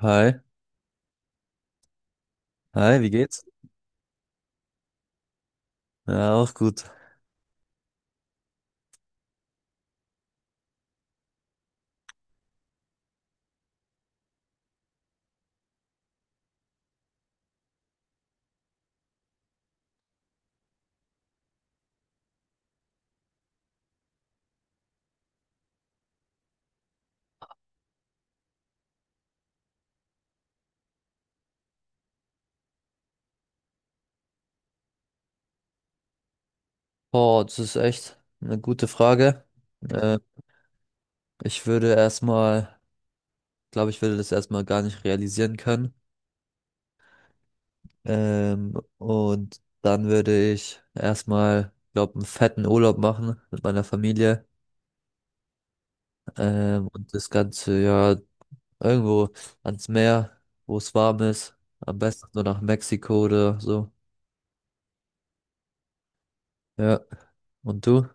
Hi, hi, wie geht's? Ja, auch gut. Boah, das ist echt eine gute Frage. Äh, Ich würde erstmal, glaube ich, würde das erstmal gar nicht realisieren können. Und dann würde ich erstmal, glaube einen fetten Urlaub machen mit meiner Familie. Und das Ganze ja irgendwo ans Meer, wo es warm ist. Am besten nur nach Mexiko oder so. Ja. Und du?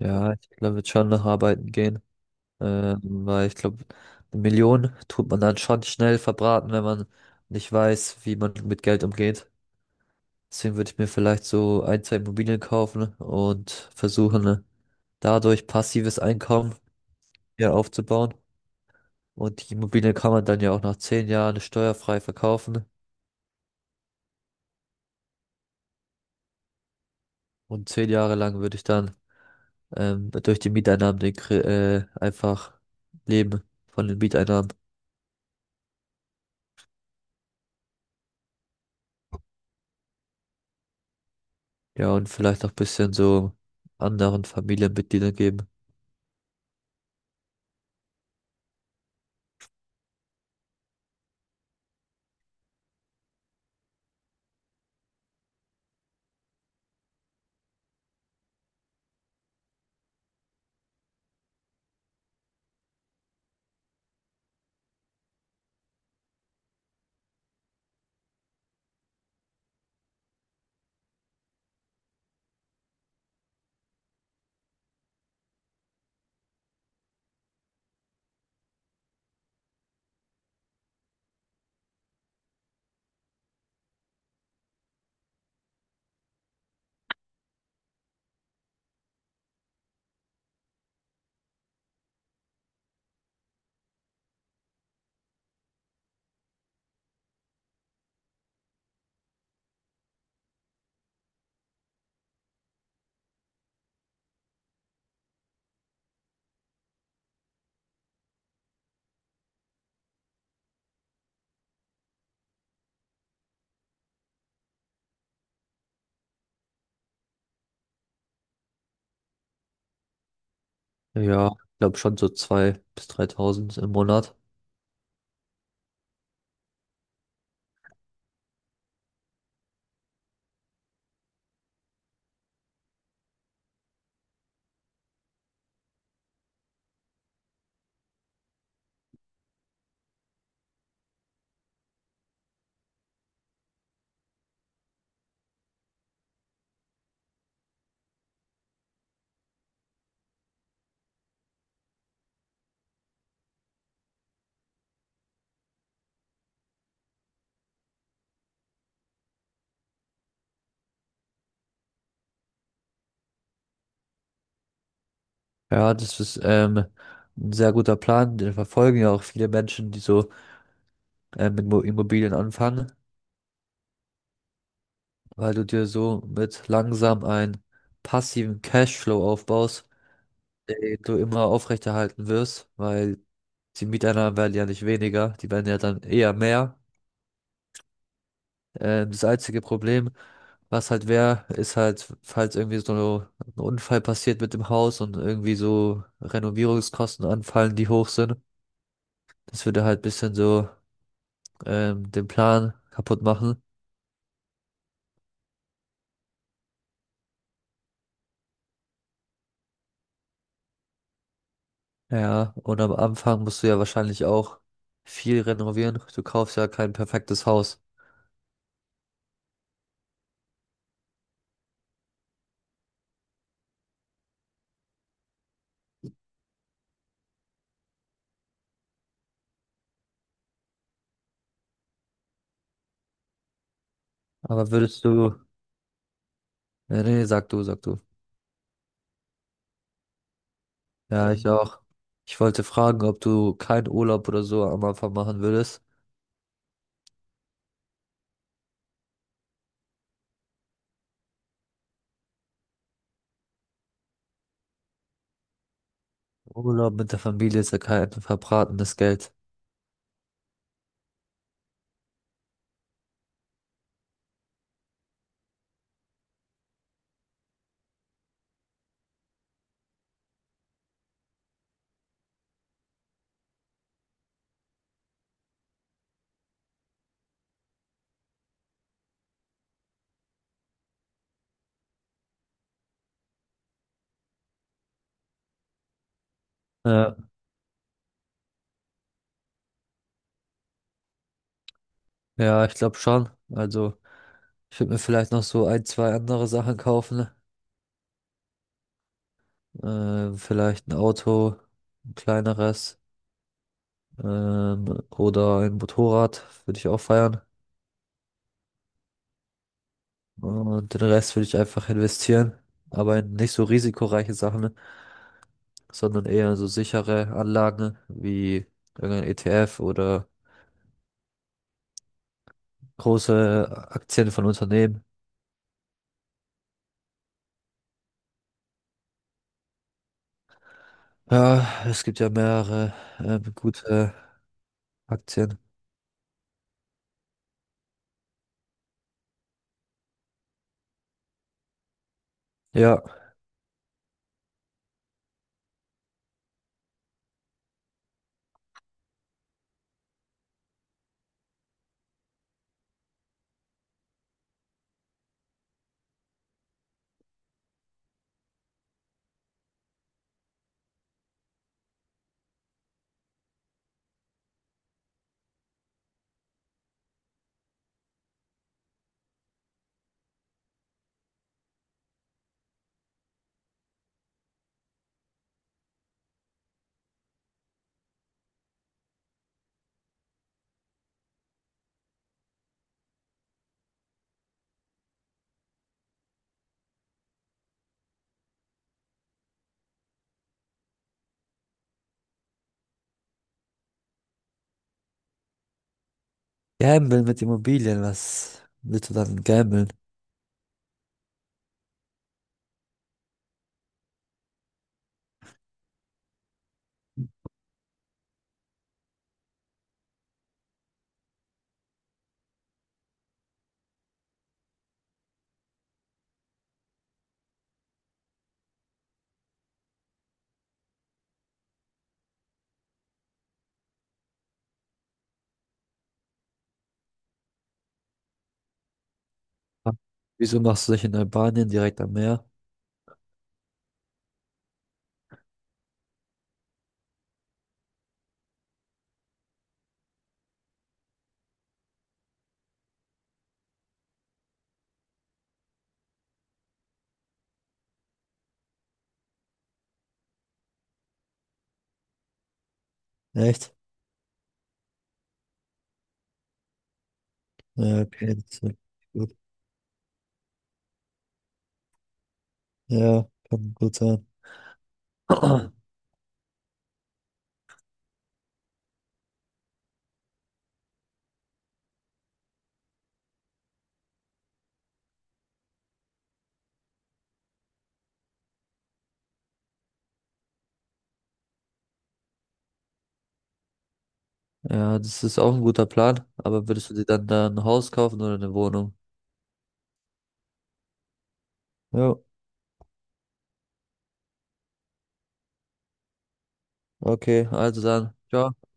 Ja, ich glaube, ich würde schon noch arbeiten gehen. Weil ich glaube, 1 Million tut man dann schon schnell verbraten, wenn man nicht weiß, wie man mit Geld umgeht. Deswegen würde ich mir vielleicht so ein, zwei Immobilien kaufen und versuchen, dadurch passives Einkommen ja aufzubauen. Und die Immobilien kann man dann ja auch nach 10 Jahren steuerfrei verkaufen. Und 10 Jahre lang würde ich dann durch die Mieteinnahmen einfach leben von den Mieteinnahmen. Ja, und vielleicht auch ein bisschen so anderen Familienmitgliedern geben. Ja, ich glaube schon so 2.000 bis 3.000 im Monat. Ja, das ist ein sehr guter Plan. Den verfolgen ja auch viele Menschen, die so mit Immobilien anfangen, weil du dir so mit langsam einen passiven Cashflow aufbaust, den du immer aufrechterhalten wirst, weil die Mieteinnahmen werden ja nicht weniger, die werden ja dann eher mehr. Das einzige Problem, was halt wäre, ist halt, falls irgendwie so ein Unfall passiert mit dem Haus und irgendwie so Renovierungskosten anfallen, die hoch sind. Das würde halt bisschen so den Plan kaputt machen. Ja, und am Anfang musst du ja wahrscheinlich auch viel renovieren. Du kaufst ja kein perfektes Haus. Aber würdest du... Nee, nee, sag du, sag du. Ja, ich auch. Ich wollte fragen, ob du keinen Urlaub oder so am Anfang machen würdest. Urlaub mit der Familie ist ja kein verbratenes Geld. Ja, ja, ich glaube schon. Also, ich würde mir vielleicht noch so ein, zwei andere Sachen kaufen. Vielleicht ein Auto, ein kleineres, oder ein Motorrad würde ich auch feiern. Und den Rest würde ich einfach investieren. Aber in nicht so risikoreiche Sachen, sondern eher in so sichere Anlagen wie irgendein ETF oder große Aktien von Unternehmen. Ja, es gibt ja mehrere, gute Aktien. Ja. Gambeln mit Immobilien, was willst du dann gambeln? Ah, wieso machst du dich in Albanien direkt am Meer? Echt? Ja, okay, das ist gut. Ja, kann gut sein. Ja, das ist auch ein guter Plan, aber würdest du dir dann da ein Haus kaufen oder eine Wohnung? Ja, okay, also dann. Ciao.